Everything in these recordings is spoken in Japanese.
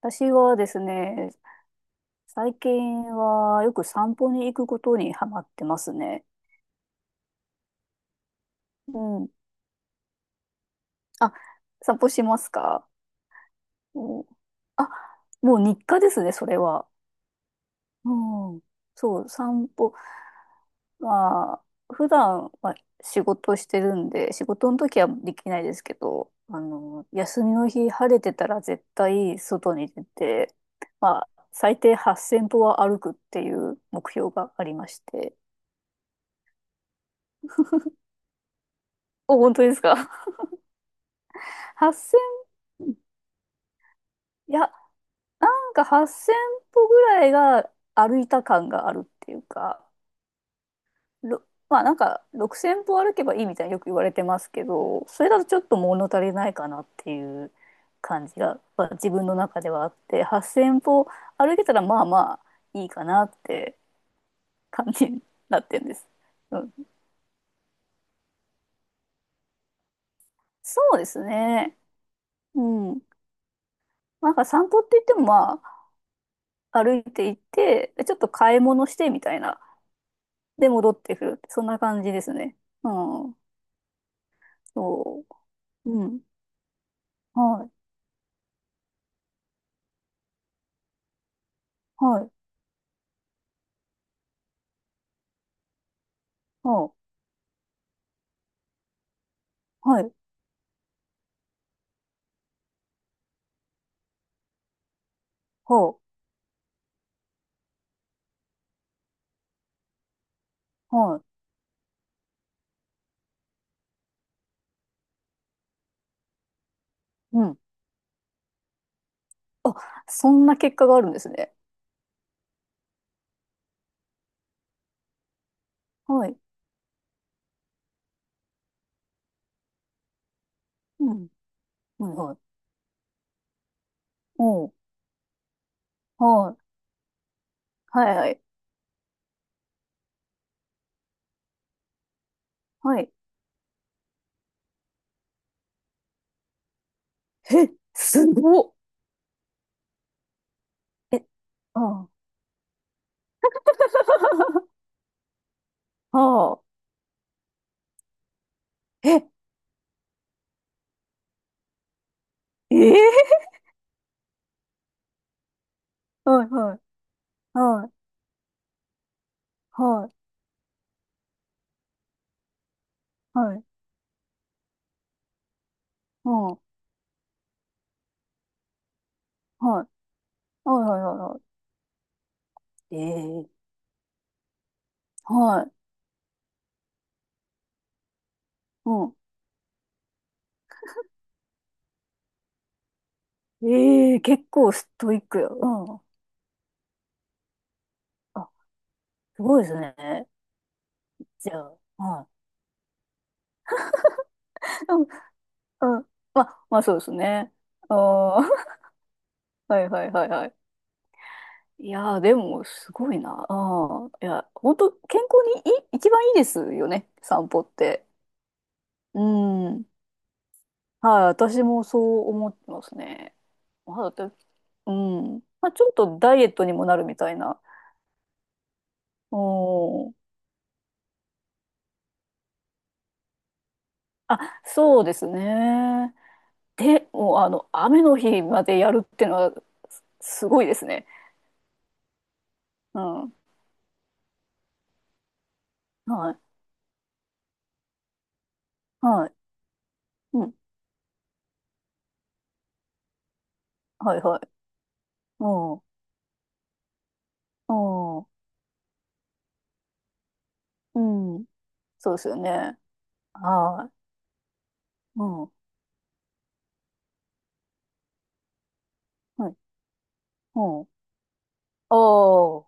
私はですね、最近はよく散歩に行くことにハマってますね。うん。あ、散歩しますか？うん。あ、もう日課ですね、それは。うん。そう、散歩。まあ、普段は仕事してるんで、仕事の時はできないですけど、休みの日晴れてたら絶対外に出て、まあ、最低8000歩は歩くっていう目標がありまして。お、本当ですか？8000 いや、なんか8000歩ぐらいが歩いた感があるっていうか、ろまあなんか6000歩歩けばいいみたいによく言われてますけど、それだとちょっと物足りないかなっていう感じが、まあ、自分の中ではあって、8000歩歩けたらまあまあいいかなって感じになってるんです。うん、そうですね。うん。なんか散歩って言ってもまあ歩いていって、ちょっと買い物してみたいなで、戻ってくるって、そんな感じですね。うん。そう。うん。はい。はい。はい。はい。はい。はい。うん。あ、そんな結果があるんですね。はい。うん。うん。はい。おう。はい。はい。はい。はい。え、すごっ。え、ああ。はあ。え、ええ。はい。はい。はい。はい。はい。うん。はい。はい。はい。はい。はい。ええ。はい。うん。ええ、結構ストイックや。うん。あ、すごいですね。じゃあ、はい。うん。うん。まあ、まあそうですね。ああ、はいはいはいはい。いやー、でも、すごいな。ああ、いや、本当健康にいい、一番いいですよね、散歩って。うん。はい、私もそう思ってますね。まあ、だって、うん。まあ、ちょっとダイエットにもなるみたいな。うん。あ、そうですね。で、もう、雨の日までやるってのは、すごいですね。うん。はい。はい。うん。はいはい。うん。うん。うん。そうですよね。はい。うん。はい。うん。お。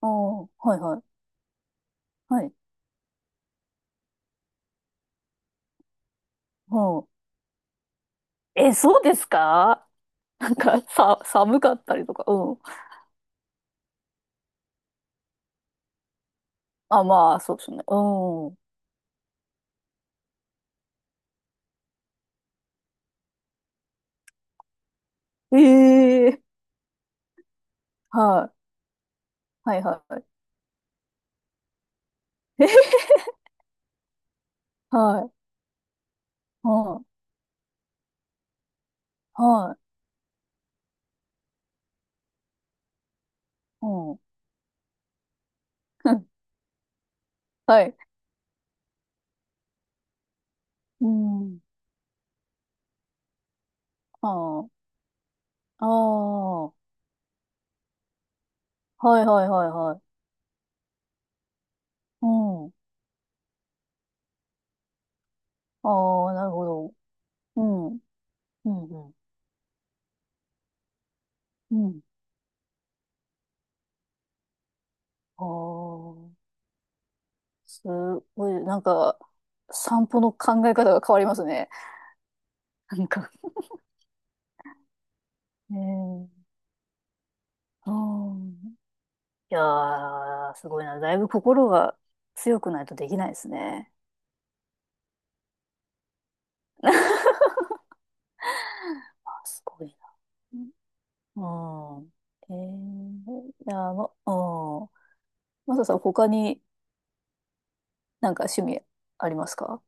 はいはい。はい。うん。えー、はあ、うん、ああ、えー、はい、はい、うん、ああ、はい、はい、はい、うん、え、そうですか？ なんか、寒かったりとか。うん。あ、まあ、そうですね。うん。えー。はい。はいはい。はい。はい。はい。うん。はい。うん。はあ。ああ。はいはいはいはい。うん。ああ、なるほど。うん。うんうん。うん。ああ。すごい、なんか、散歩の考え方が変わりますね。なんか。ええ。うん。いやー、すごいな。だいぶ心が強くないとできないですね。あ、すごいな。うん。ええ。いやー、ま、うん。マサさん、他になんか趣味ありますか？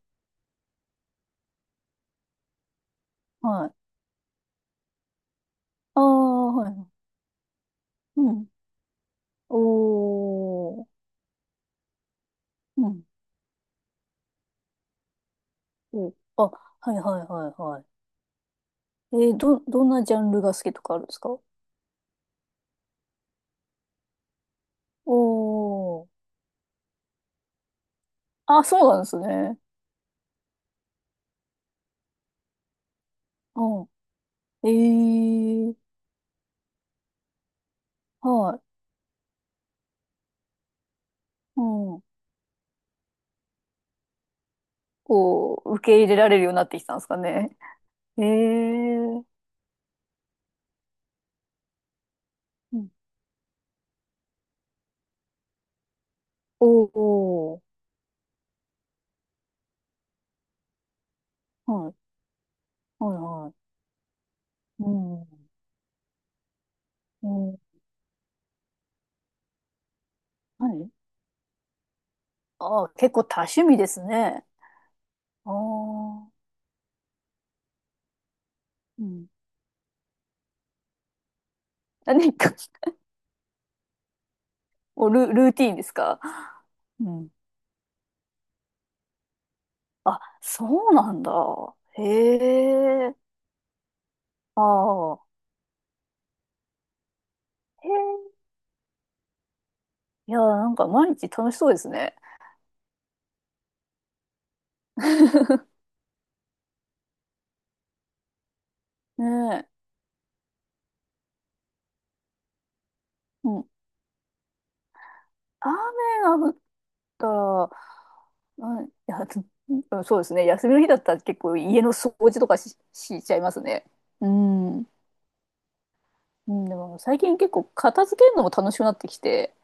はい。ああ、はい。うん。おー。うん。お、あ、はいはいはいはい。えー、どんなジャンルが好きとかあるんですか？おー。あ、そうなんですね。うん。えー。はい。うん。こう、受け入れられるようになってきたんですかね。えー。うん。おー。はい。はいはい。うん。うん。はい。あー、結構多趣味ですね。ああ。うん。何か。お、ルーティーンですか？うん。あ、そうなんだ。へえ。ああ。へえ。いや、なんか毎日楽しそうですね。ねえ。うん。雨が降ったら、うん、いや、うん、そうですね。休みの日だったら結構家の掃除とかしちゃいますね。うん。うん、でも最近結構片付けるのも楽しくなってきて、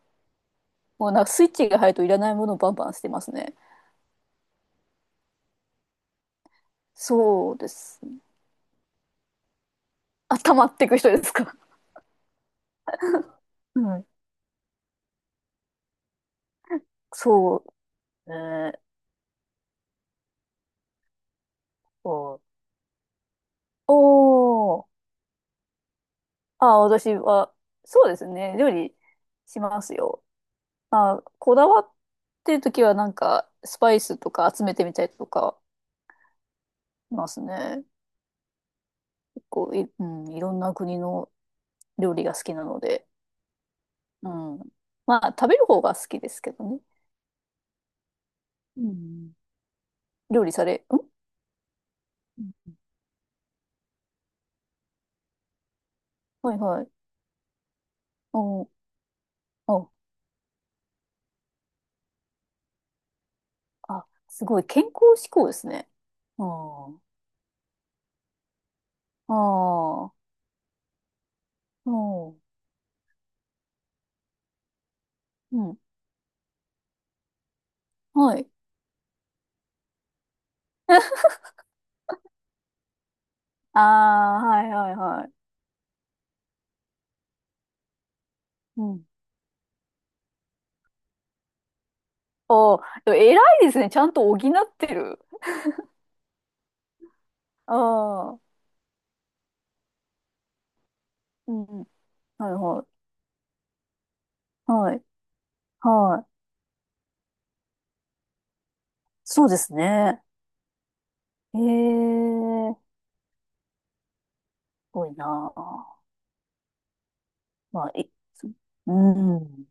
もうなんかスイッチが入るといらないものをバンバン捨てますね。そうです。あ、溜まっていく人ですか？うん。そう。えー、お、おー。あ、私は、そうですね。料理しますよ。まあ、こだわってるときはなんか、スパイスとか集めてみたりとかしますね。結構うん、いろんな国の料理が好きなので。うん。まあ、食べる方が好きですけどね。うん。料理され、ん。うん。はいはい。おー。お。あ、すごい健康志向ですね。ああ、ああ、うん、うん、はい。ああ、はいはいはい。うん。おー、でも偉いですね。ちゃんと補ってる。ああ、うん。はいはい。はい。はい。そうですね。ええ。すごいなあ。まあ、うん。